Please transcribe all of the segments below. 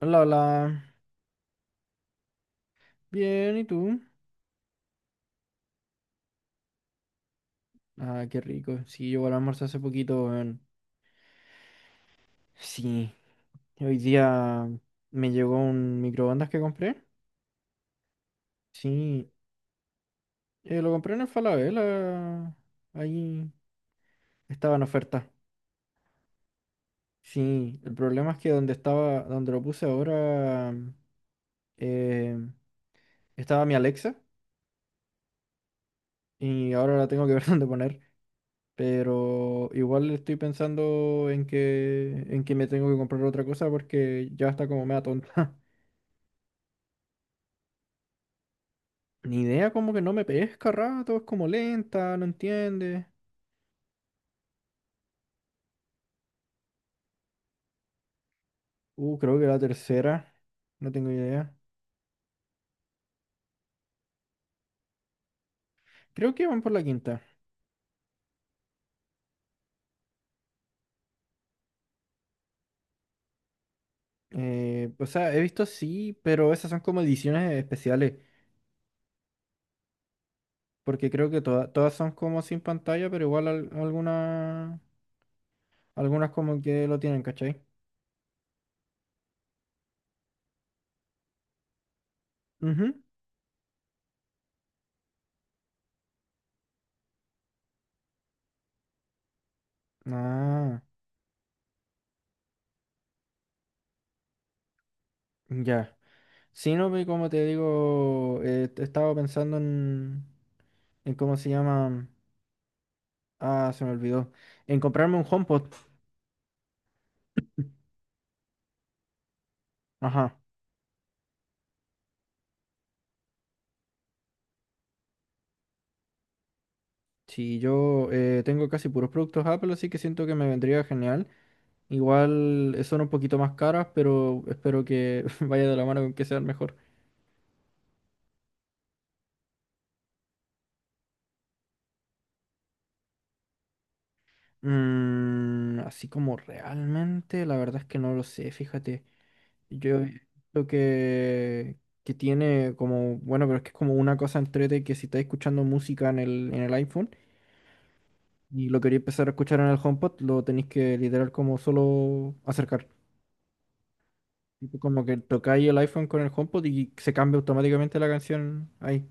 Hola, hola. Bien, ¿y tú? Ah, qué rico. Sí, yo igual almorcé hace poquito, weón. Sí, hoy día me llegó un microondas que compré. Sí, lo compré en el Falabella. Ahí estaba en oferta. Sí, el problema es que donde estaba, donde lo puse ahora, eh, estaba mi Alexa y ahora la tengo que ver dónde poner. Pero igual estoy pensando en que me tengo que comprar otra cosa porque ya está como media tonta. Ni idea, como que no me pesca a rato, es como lenta, no entiende. Creo que la tercera, no tengo idea. Creo que van por la quinta. O sea, he visto sí, pero esas son como ediciones especiales, porque creo que todas son como sin pantalla, pero igual algunas como que lo tienen, ¿cachai? Ujú. Ah, ya. Sí, no, pues, como te digo, estaba pensando en, cómo se llama. Ah, se me olvidó. En comprarme un HomePod. Ajá. Sí, yo tengo casi puros productos Apple, así que siento que me vendría genial. Igual son un poquito más caras, pero espero que vaya de la mano con que sean mejor. Así como realmente, la verdad es que no lo sé, fíjate. Yo creo que tiene como, bueno, pero es que es como una cosa entrete que si estáis escuchando música en el, iPhone y lo quería empezar a escuchar en el HomePod, lo tenéis que literal como solo acercar. Tipo, como que tocáis el iPhone con el HomePod y se cambia automáticamente la canción ahí.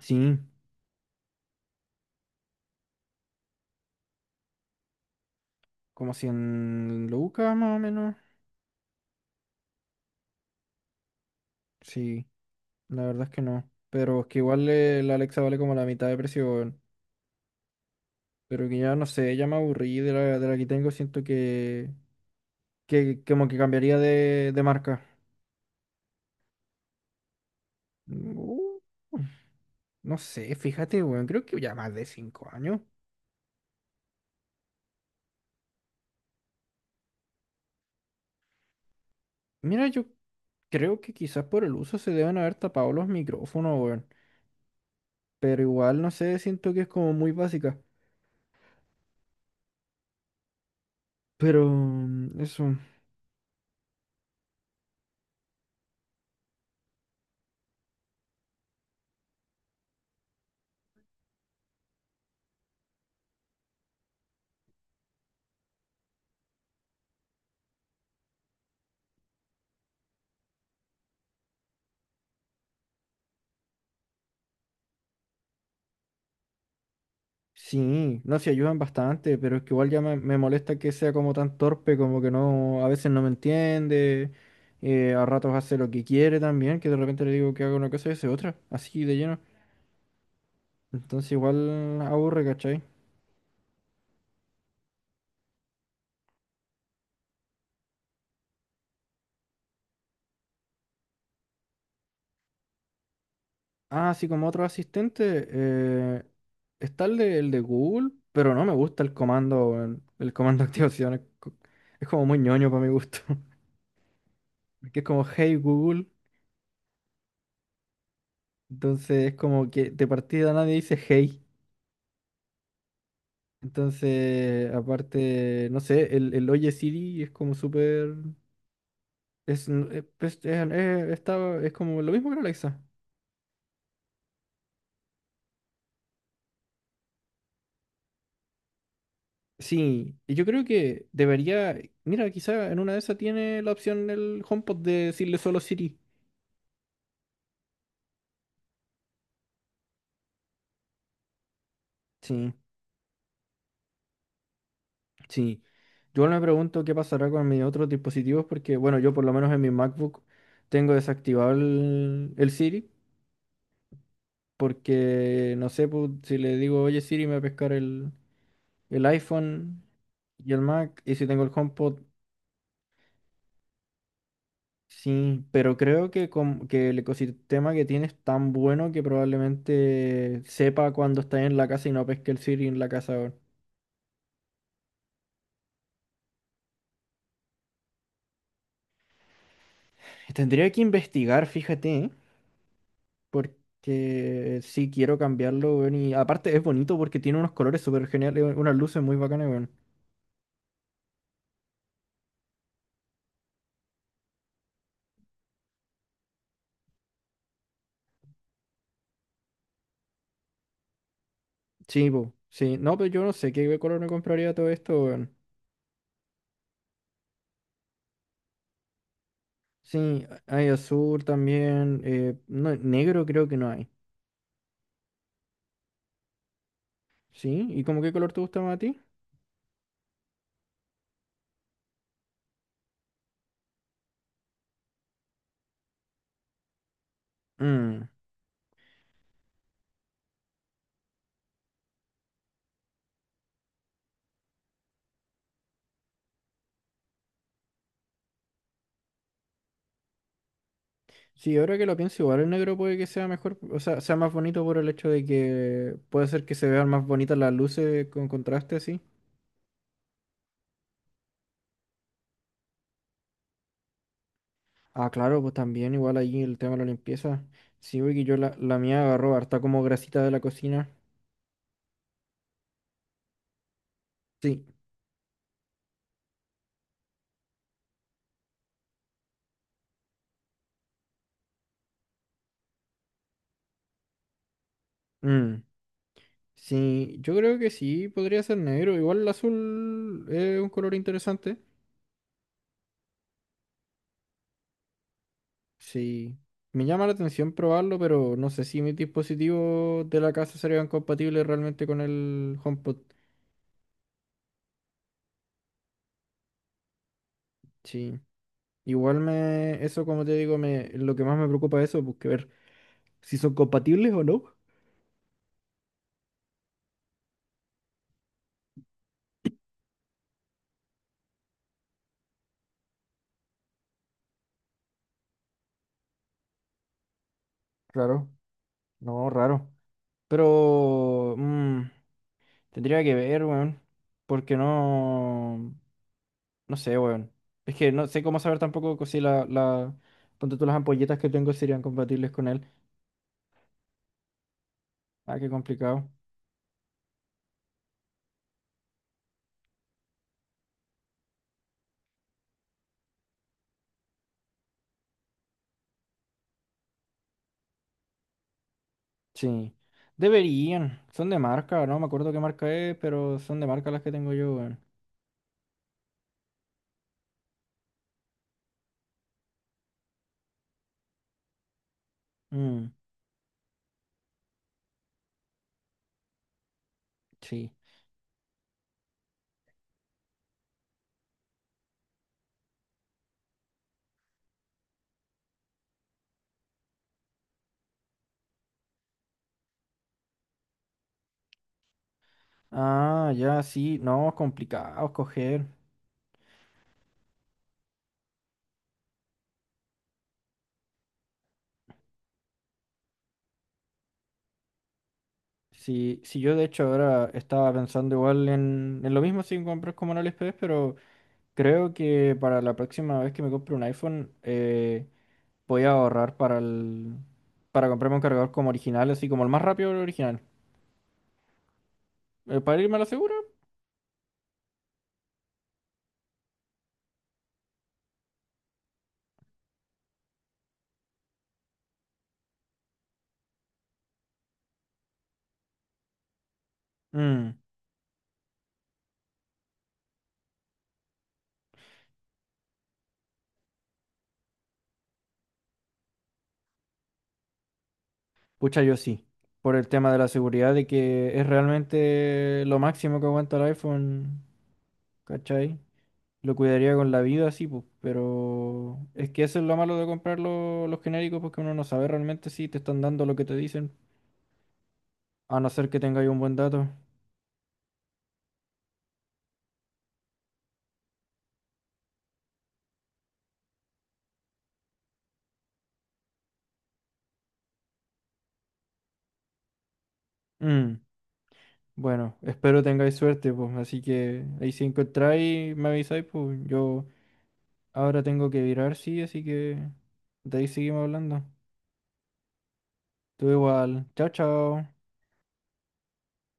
Sí, como 100 lucas más o menos. Sí, la verdad es que no. Pero es que igual la Alexa vale como la mitad de precio, weón. Pero que ya no sé, ya me aburrí de la, que tengo. Siento que como que cambiaría de marca. Uh, no sé, fíjate, weón. Creo que ya más de 5 años. Mira, yo creo que quizás por el uso se deben haber tapado los micrófonos, weón. Pero igual, no sé, siento que es como muy básica. Pero eso, sí, no se ayudan bastante, pero es que igual ya me, molesta que sea como tan torpe, como que no, a veces no me entiende, a ratos hace lo que quiere también, que de repente le digo que haga una cosa y hace otra, así de lleno. Entonces igual aburre, ¿cachai? Ah, así como otro asistente, está el de, Google, pero no me gusta el comando, weón, el comando de activación, es como muy ñoño para mi gusto, porque es como, hey Google. Entonces es como que de partida nadie dice hey. Entonces, aparte, no sé, el Oye Siri es como súper. Es, pues, es como lo mismo que la Alexa. Sí, y yo creo que debería. Mira, quizá en una de esas tiene la opción el HomePod de decirle solo Siri. Sí, sí. Yo me pregunto qué pasará con mis otros dispositivos porque, bueno, yo por lo menos en mi MacBook tengo desactivado el, el, Siri. Porque, no sé, pues, si le digo, oye Siri, me va a pescar el iPhone y el Mac, y si tengo el HomePod, sí, pero creo que el ecosistema que tiene es tan bueno que probablemente sepa cuando está en la casa y no pesque el Siri en la casa ahora. Y tendría que investigar, fíjate, ¿eh? Porque sí quiero cambiarlo, weón, y aparte es bonito porque tiene unos colores súper geniales, unas luces muy bacanas, weón. Sí, po, sí, no, pero yo no sé qué color me compraría todo esto, weón. Sí, hay azul también. No, negro creo que no hay. ¿Sí? ¿Y como qué color te gusta más a ti? Mm, sí, ahora que lo pienso, igual el negro puede que sea mejor, o sea, sea más bonito por el hecho de que puede ser que se vean más bonitas las luces con contraste así. Ah, claro, pues también igual ahí el tema de la limpieza. Sí, porque yo la, mía agarró harta como grasita de la cocina. Sí. Mm, sí, yo creo que sí, podría ser negro. Igual el azul es un color interesante. Sí, me llama la atención probarlo, pero no sé si mis dispositivos de la casa serían compatibles realmente con el HomePod. Sí, igual eso como te digo, lo que más me preocupa es eso, pues ver si son compatibles o no. Raro, no, raro. Pero tendría que ver, weón, porque no, no sé, weón. Es que no sé cómo saber tampoco si ponte tú las ampolletas que tengo serían compatibles con él. Ah, qué complicado. Sí. Deberían. Son de marca, no me acuerdo qué marca es, pero son de marca las que tengo yo, weón. Mm, sí. Ah, ya, sí. No, es complicado escoger. Sí, sí, yo de hecho ahora estaba pensando igual en, lo mismo sin comprar como en AliExpress, pero creo que para la próxima vez que me compre un iPhone voy a ahorrar para comprarme un cargador como original, así como el más rápido el original. Para irme a la segura. Mm. Pucha, yo sí, por el tema de la seguridad, de que es realmente lo máximo que aguanta el iPhone, ¿cachai? Lo cuidaría con la vida, sí, pues, pero es que eso es lo malo de comprar los genéricos, porque uno no sabe realmente si te están dando lo que te dicen, a no ser que tengáis un buen dato. Mm, bueno, espero tengáis suerte, pues, así que ahí si encontráis, me avisáis, pues, yo ahora tengo que virar, sí, así que de ahí seguimos hablando. Tú igual, chao, chao.